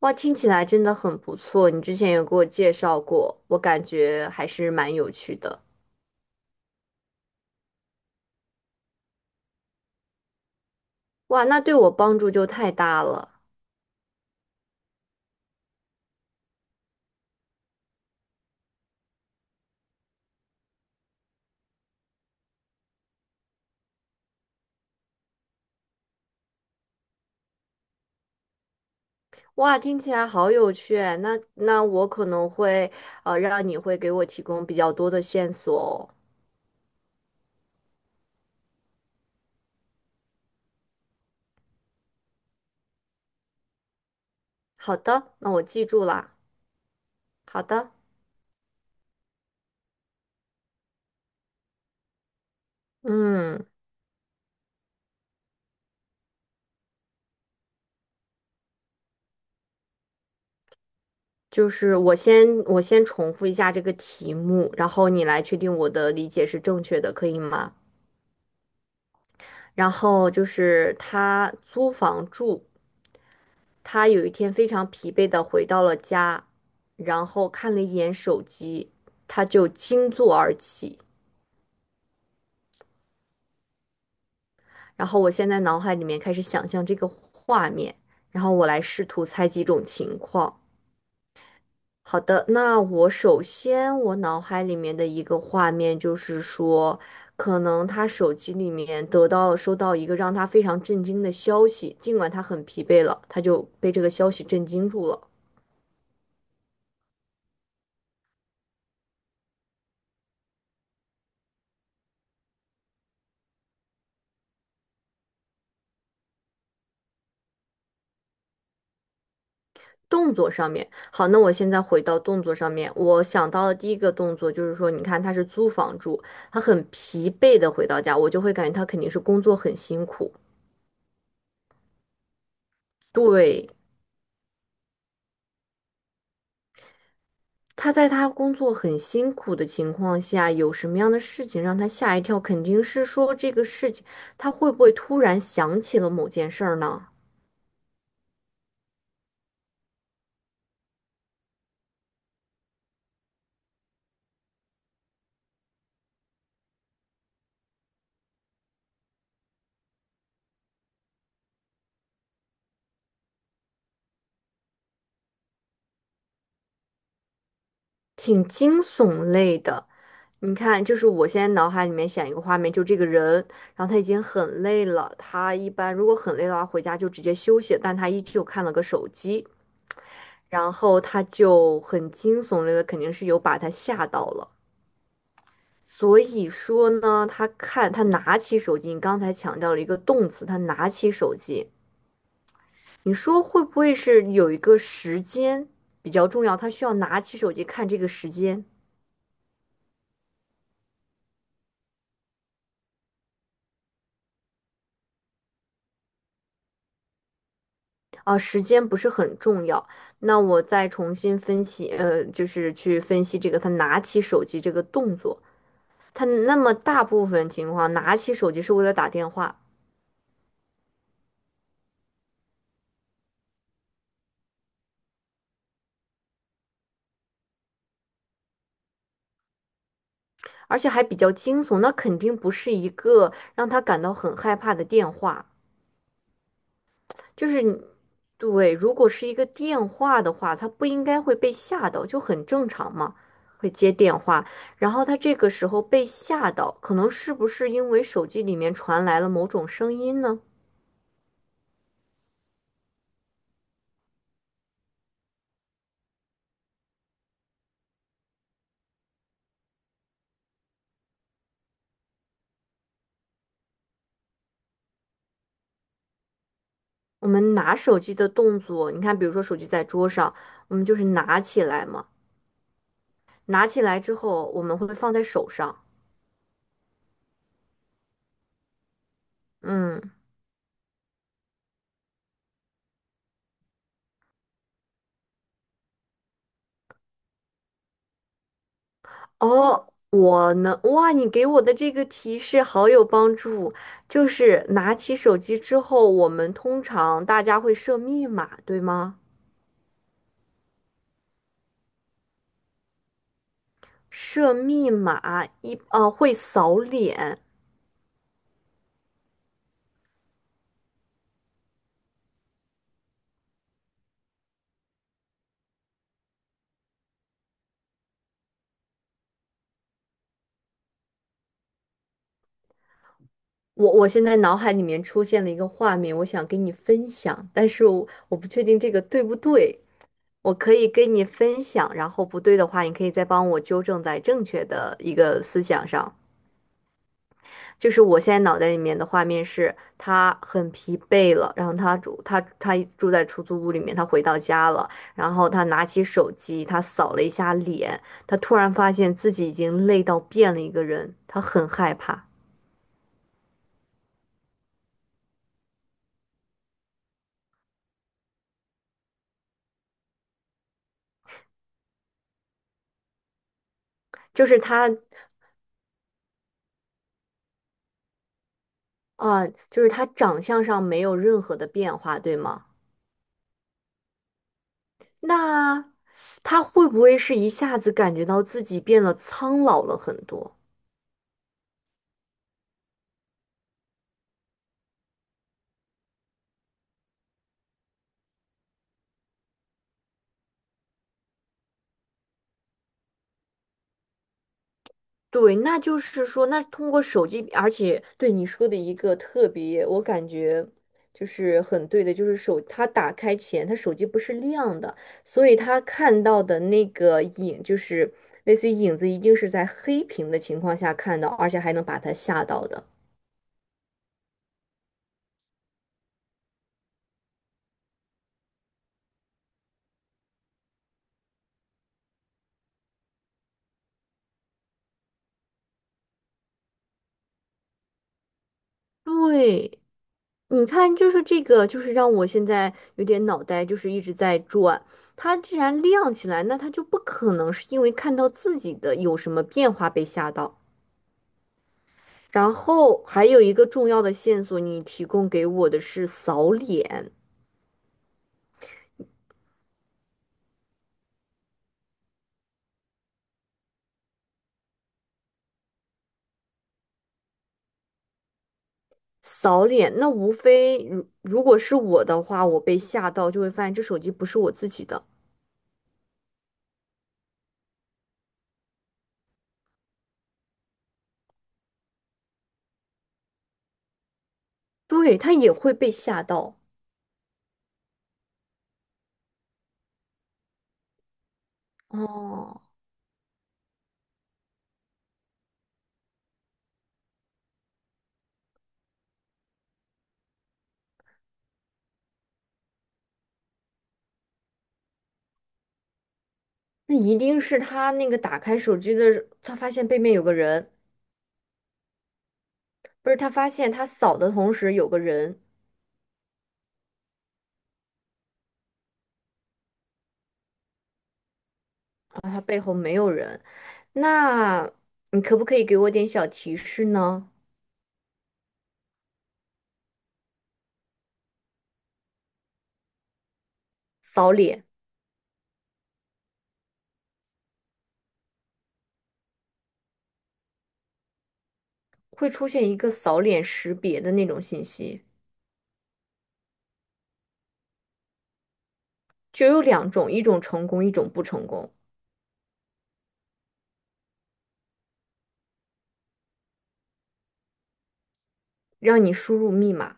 哇，听起来真的很不错。你之前有给我介绍过，我感觉还是蛮有趣的。哇，那对我帮助就太大了。哇，听起来好有趣哎那那我可能会让你会给我提供比较多的线索哦。好的，那我记住啦。好的，嗯，就是我先重复一下这个题目，然后你来确定我的理解是正确的，可以吗？然后就是他租房住。他有一天非常疲惫的回到了家，然后看了一眼手机，他就惊坐而起。然后我现在脑海里面开始想象这个画面，然后我来试图猜几种情况。好的，那我首先我脑海里面的一个画面就是说，可能他手机里面得到收到一个让他非常震惊的消息，尽管他很疲惫了，他就被这个消息震惊住了。动作上面，好，那我现在回到动作上面，我想到的第一个动作就是说，你看他是租房住，他很疲惫的回到家，我就会感觉他肯定是工作很辛苦。对，他在他工作很辛苦的情况下，有什么样的事情让他吓一跳？肯定是说这个事情，他会不会突然想起了某件事儿呢？挺惊悚类的。你看，就是我现在脑海里面想一个画面，就这个人，然后他已经很累了，他一般如果很累的话，回家就直接休息，但他依旧看了个手机，然后他就很惊悚类的，肯定是有把他吓到了。所以说呢，他看他拿起手机，你刚才强调了一个动词，他拿起手机，你说会不会是有一个时间比较重要，他需要拿起手机看这个时间？啊，时间不是很重要。那我再重新分析，就是去分析这个他拿起手机这个动作。他那么大部分情况拿起手机是为了打电话，而且还比较惊悚，那肯定不是一个让他感到很害怕的电话。就是你对，如果是一个电话的话，他不应该会被吓到，就很正常嘛，会接电话。然后他这个时候被吓到，可能是不是因为手机里面传来了某种声音呢？我们拿手机的动作，你看，比如说手机在桌上，我们就是拿起来嘛，拿起来之后，我们会放在手上。嗯，哦，我能，哇，你给我的这个提示好有帮助，就是拿起手机之后，我们通常大家会设密码，对吗？设密码一，会扫脸。我现在脑海里面出现了一个画面，我想跟你分享，但是我不确定这个对不对。我可以跟你分享，然后不对的话，你可以再帮我纠正在正确的一个思想上。就是我现在脑袋里面的画面是，他很疲惫了，然后他住在出租屋里面，他回到家了，然后他拿起手机，他扫了一下脸，他突然发现自己已经累到变了一个人，他很害怕，就是他啊、就是他长相上没有任何的变化，对吗？那他会不会是一下子感觉到自己变得苍老了很多？对，那就是说，那通过手机，而且对你说的一个特别，我感觉就是很对的，就是手，他打开前，他手机不是亮的，所以他看到的那个影，就是类似于影子，一定是在黑屏的情况下看到，而且还能把他吓到的。对。你看，就是这个，就是让我现在有点脑袋就是一直在转。它既然亮起来，那它就不可能是因为看到自己的有什么变化被吓到。然后还有一个重要的线索，你提供给我的是扫脸，扫脸。那无非如果是我的话，我被吓到就会发现这手机不是我自己的，对，它也会被吓到。哦，那一定是他那个打开手机的，他发现背面有个人。不是他发现他扫的同时有个人啊，他背后没有人，那你可不可以给我点小提示呢？扫脸会出现一个扫脸识别的那种信息，就有两种，一种成功，一种不成功，让你输入密码，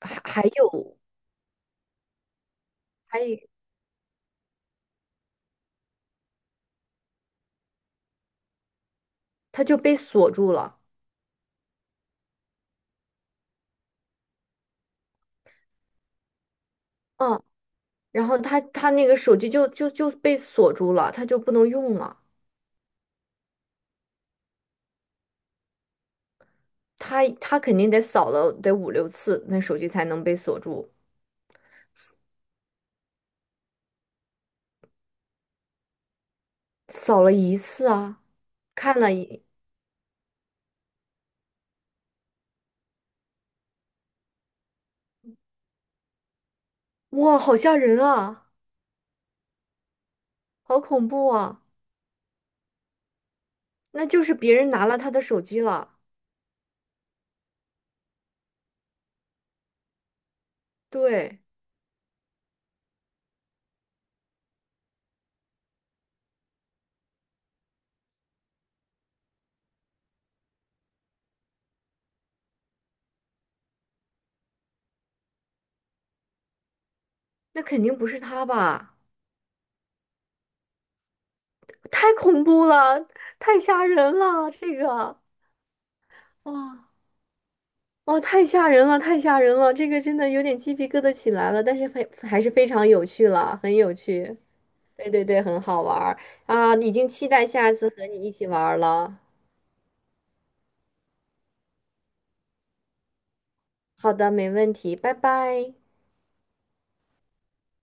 还有还有他就被锁住了，嗯，然后他那个手机就被锁住了，他就不能用了，他肯定得扫了得5 6次，那手机才能被锁住。扫了一次啊，看了一，哇，好吓人啊，好恐怖啊！那就是别人拿了他的手机了，对，那肯定不是他吧？太恐怖了，太吓人了，这个，哇，哇，太吓人了，太吓人了，这个真的有点鸡皮疙瘩起来了，但是非还是非常有趣了，很有趣，对对对，很好玩儿啊，已经期待下次和你一起玩儿了。好的，没问题，拜拜。